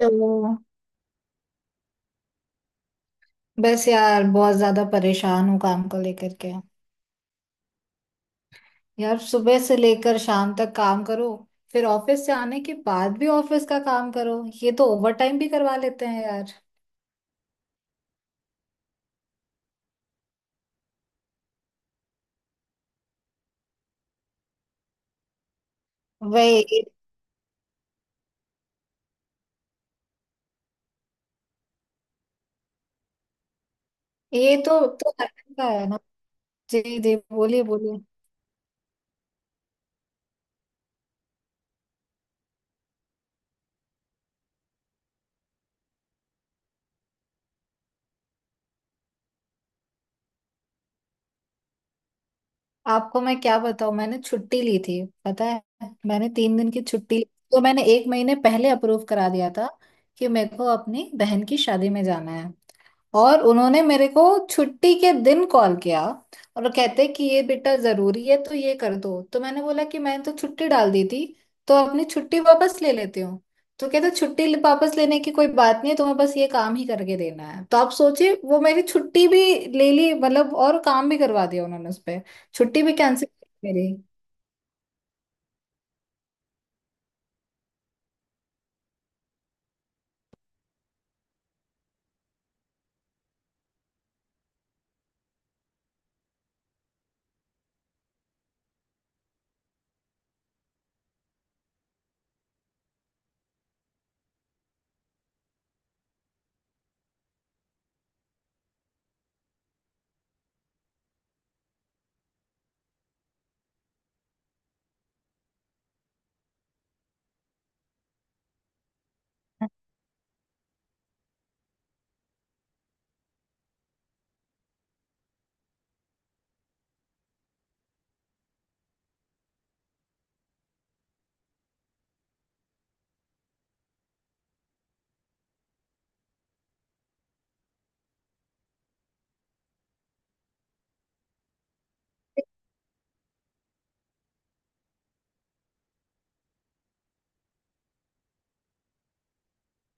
तो बस यार बहुत ज्यादा परेशान हूँ काम को लेकर के। यार सुबह से लेकर शाम तक काम करो, फिर ऑफिस से आने के बाद भी ऑफिस का काम करो, ये तो ओवर टाइम भी करवा लेते हैं यार। वही। ये तो हर का है ना। जी जी, बोलिए बोलिए। आपको मैं क्या बताऊं, मैंने छुट्टी ली थी पता है। मैंने 3 दिन की छुट्टी ली, तो मैंने एक महीने पहले अप्रूव करा दिया था कि मेरे को अपनी बहन की शादी में जाना है। और उन्होंने मेरे को छुट्टी के दिन कॉल किया, और वो कहते कि ये बेटा जरूरी है तो ये कर दो। तो मैंने बोला कि मैंने तो छुट्टी डाल दी थी, तो अपनी छुट्टी वापस ले लेती हूँ। तो कहते वापस लेने की कोई बात नहीं है, तुम्हें बस ये काम ही करके देना है। तो आप सोचिए वो मेरी छुट्टी भी ले ली मतलब, और काम भी करवा दिया उन्होंने उस छुट्टी भी कैंसिल मेरी।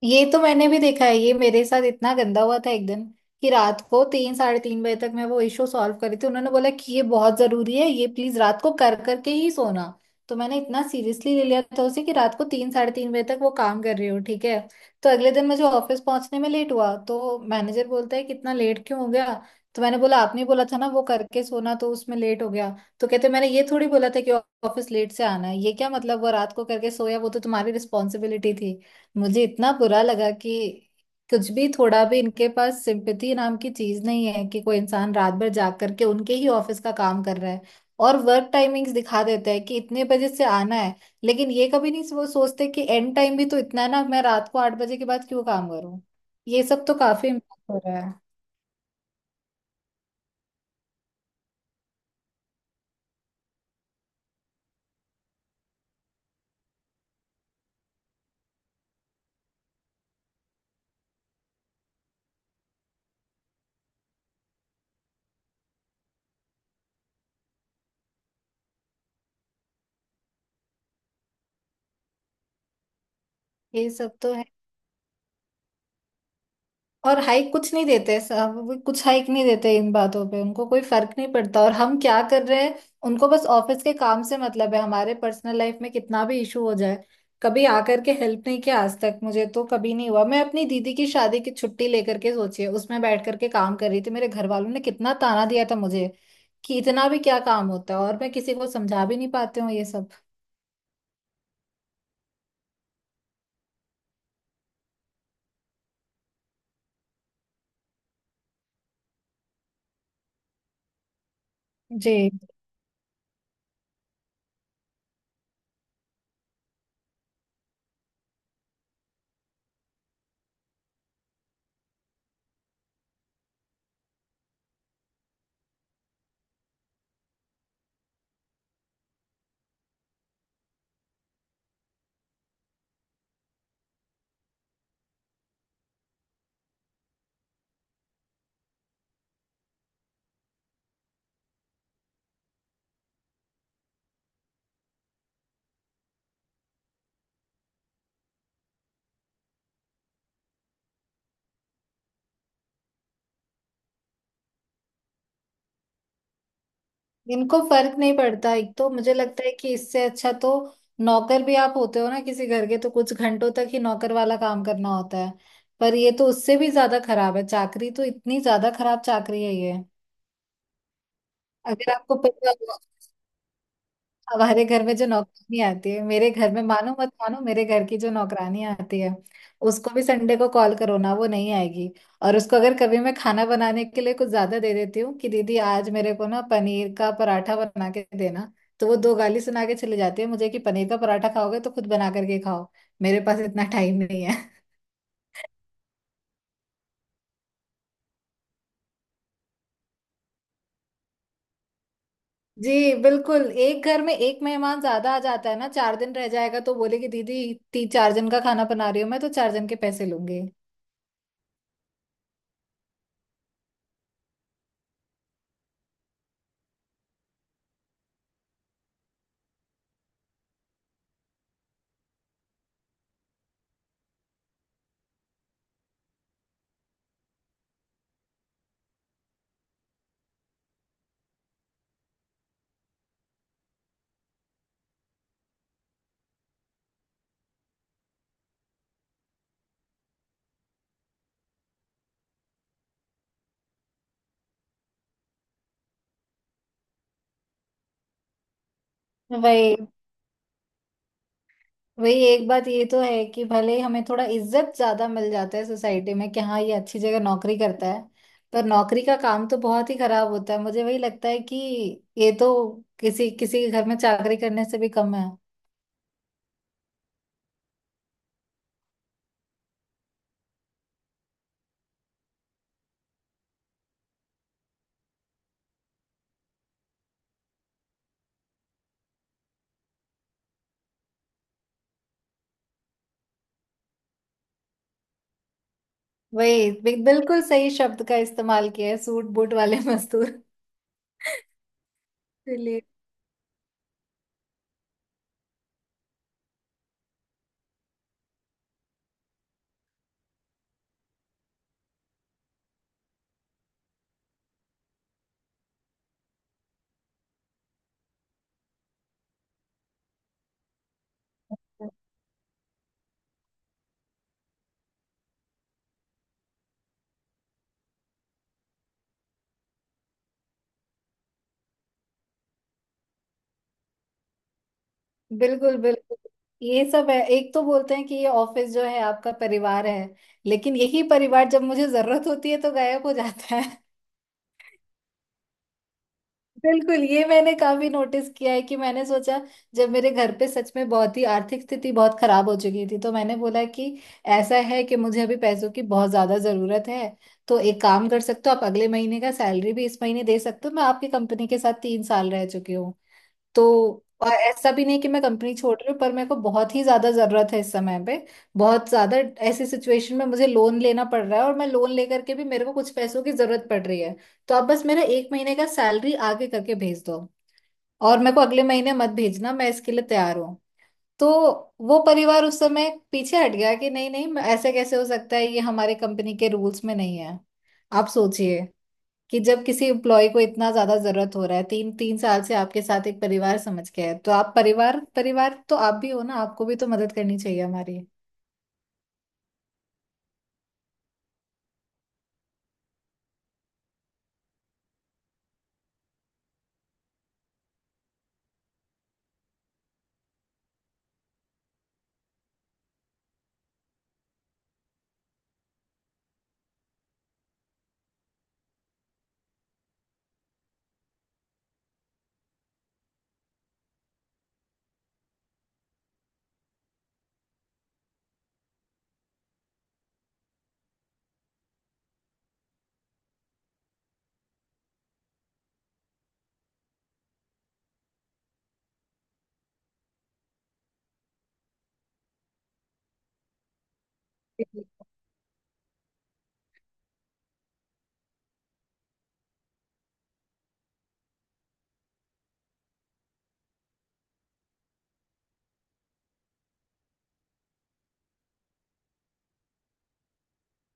ये तो मैंने भी देखा है, ये मेरे साथ इतना गंदा हुआ था एक दिन कि रात को तीन, साढ़े तीन बजे तक मैं वो इशू सॉल्व कर रही थी। उन्होंने बोला कि ये बहुत जरूरी है ये प्लीज रात को कर करके ही सोना। तो मैंने इतना सीरियसली ले लिया था उसे कि रात को तीन, साढ़े तीन बजे तक वो काम कर रही हूँ ठीक है। तो अगले दिन मुझे ऑफिस पहुंचने में लेट हुआ, तो मैनेजर बोलता है कि इतना लेट क्यों हो गया। तो मैंने बोला आपने बोला था ना वो करके सोना, तो उसमें लेट हो गया। तो कहते मैंने ये थोड़ी बोला था कि ऑफिस लेट से आना है, ये क्या मतलब, वो रात को करके सोया वो तो तुम्हारी रिस्पॉन्सिबिलिटी थी। मुझे इतना बुरा लगा कि कुछ भी थोड़ा भी इनके पास सिंपैथी नाम की चीज नहीं है, कि कोई इंसान रात भर जाग करके उनके ही ऑफिस का काम कर रहा है। और वर्क टाइमिंग्स दिखा देते हैं कि इतने बजे से आना है, लेकिन ये कभी नहीं वो सोचते कि एंड टाइम भी तो इतना है ना, मैं रात को 8 बजे के बाद क्यों काम करूं। ये सब तो काफी इम्पैक्ट हो रहा है। ये सब तो है, और हाइक कुछ नहीं देते साहब, वो कुछ हाइक नहीं देते, इन बातों पे उनको कोई फर्क नहीं पड़ता और हम क्या कर रहे हैं। उनको बस ऑफिस के काम से मतलब है, हमारे पर्सनल लाइफ में कितना भी इशू हो जाए, कभी आकर के हेल्प नहीं किया आज तक। मुझे तो कभी नहीं हुआ, मैं अपनी दीदी की शादी की छुट्टी लेकर के सोचिए उसमें बैठ करके काम कर रही थी। मेरे घर वालों ने कितना ताना दिया था मुझे कि इतना भी क्या काम होता है, और मैं किसी को समझा भी नहीं पाती हूँ ये सब। जी। इनको फर्क नहीं पड़ता, एक तो मुझे लगता है कि इससे अच्छा तो नौकर भी आप होते हो ना किसी घर के, तो कुछ घंटों तक ही नौकर वाला काम करना होता है। पर ये तो उससे भी ज्यादा खराब है, चाकरी तो इतनी ज्यादा खराब चाकरी है ये। अगर आपको पता हो, हमारे घर में जो नौकरानी आती है, मेरे घर में, मानो मत मानो, मेरे घर की जो नौकरानी आती है उसको भी संडे को कॉल करो ना, वो नहीं आएगी। और उसको अगर कभी मैं खाना बनाने के लिए कुछ ज्यादा दे देती हूँ कि दीदी आज मेरे को ना पनीर का पराठा बना के देना, तो वो दो गाली सुना के चली जाती है मुझे कि पनीर का पराठा खाओगे तो खुद बना करके खाओ, मेरे पास इतना टाइम नहीं है। जी बिल्कुल। एक घर में एक मेहमान ज्यादा आ जाता है ना, 4 दिन रह जाएगा तो बोले कि दीदी तीन चार जन का खाना बना रही हूँ मैं, तो चार जन के पैसे लूंगी। वही। एक बात ये तो है कि भले ही हमें थोड़ा इज्जत ज्यादा मिल जाता है सोसाइटी में कि हाँ ये अच्छी जगह नौकरी करता है, पर नौकरी का काम तो बहुत ही खराब होता है। मुझे वही लगता है कि ये तो किसी किसी के घर में चाकरी करने से भी कम है। वही बिल्कुल सही शब्द का इस्तेमाल किया है, सूट बूट वाले मजदूर। इसलिए बिल्कुल बिल्कुल। ये सब है, एक तो बोलते हैं कि ये ऑफिस जो है आपका परिवार है, लेकिन यही परिवार जब मुझे जरूरत होती है तो गायब हो जाता। बिल्कुल, ये मैंने काफी नोटिस किया है कि मैंने सोचा, जब मेरे घर पे सच में बहुत ही आर्थिक स्थिति बहुत खराब हो चुकी थी, तो मैंने बोला कि ऐसा है कि मुझे अभी पैसों की बहुत ज्यादा जरूरत है, तो एक काम कर सकते हो आप, अगले महीने का सैलरी भी इस महीने दे सकते हो। मैं आपकी कंपनी के साथ 3 साल रह चुकी हूँ, तो और ऐसा भी नहीं कि मैं कंपनी छोड़ रही हूँ, पर मेरे को बहुत ही ज्यादा जरूरत है इस समय पे, बहुत ज्यादा। ऐसी सिचुएशन में मुझे लोन लेना पड़ रहा है, और मैं लोन लेकर के भी मेरे को कुछ पैसों की जरूरत पड़ रही है। तो आप बस मेरा एक महीने का सैलरी आगे करके भेज दो, और मेरे को अगले महीने मत भेजना, मैं इसके लिए तैयार हूँ। तो वो परिवार उस समय पीछे हट गया कि नहीं नहीं ऐसे कैसे हो सकता है, ये हमारे कंपनी के रूल्स में नहीं है। आप सोचिए कि जब किसी एम्प्लॉय को इतना ज्यादा जरूरत हो रहा है, 3-3 साल से आपके साथ एक परिवार समझ के है, तो आप परिवार परिवार तो आप भी हो ना, आपको भी तो मदद करनी चाहिए हमारी।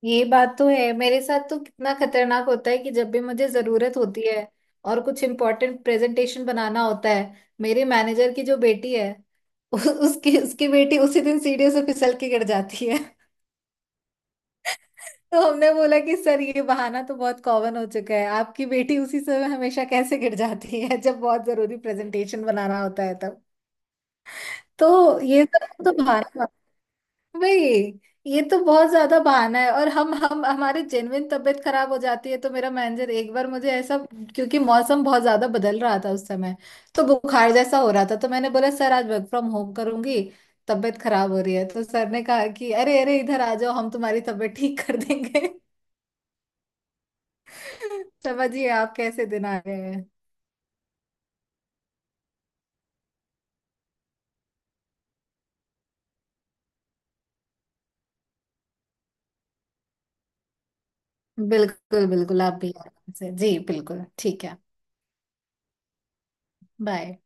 ये बात तो है, मेरे साथ तो कितना खतरनाक होता है कि जब भी मुझे जरूरत होती है और कुछ इम्पोर्टेंट प्रेजेंटेशन बनाना होता है, मेरे मैनेजर की जो बेटी है उ- उसकी उसकी बेटी उसी दिन सीढ़ियों से फिसल के गिर जाती है। तो हमने बोला कि सर ये बहाना तो बहुत कॉमन हो चुका है, आपकी बेटी उसी समय हमेशा कैसे गिर जाती है जब बहुत जरूरी प्रेजेंटेशन बनाना होता है तब। तो ये सब तो बहाना, भाई ये तो बहुत ज्यादा बहाना है। और हम हमारी जेन्युइन तबीयत खराब हो जाती है तो मेरा मैनेजर एक बार मुझे ऐसा, क्योंकि मौसम बहुत ज्यादा बदल रहा था उस समय, तो बुखार जैसा हो रहा था। तो मैंने बोला सर आज वर्क फ्रॉम होम करूंगी, तबीयत खराब हो रही है, तो सर ने कहा कि अरे अरे इधर आ जाओ हम तुम्हारी तबीयत ठीक कर देंगे। समझिए आप कैसे दिन आ गए हैं। बिल्कुल बिल्कुल, आप भी आराम से जी, बिल्कुल ठीक है। बाय।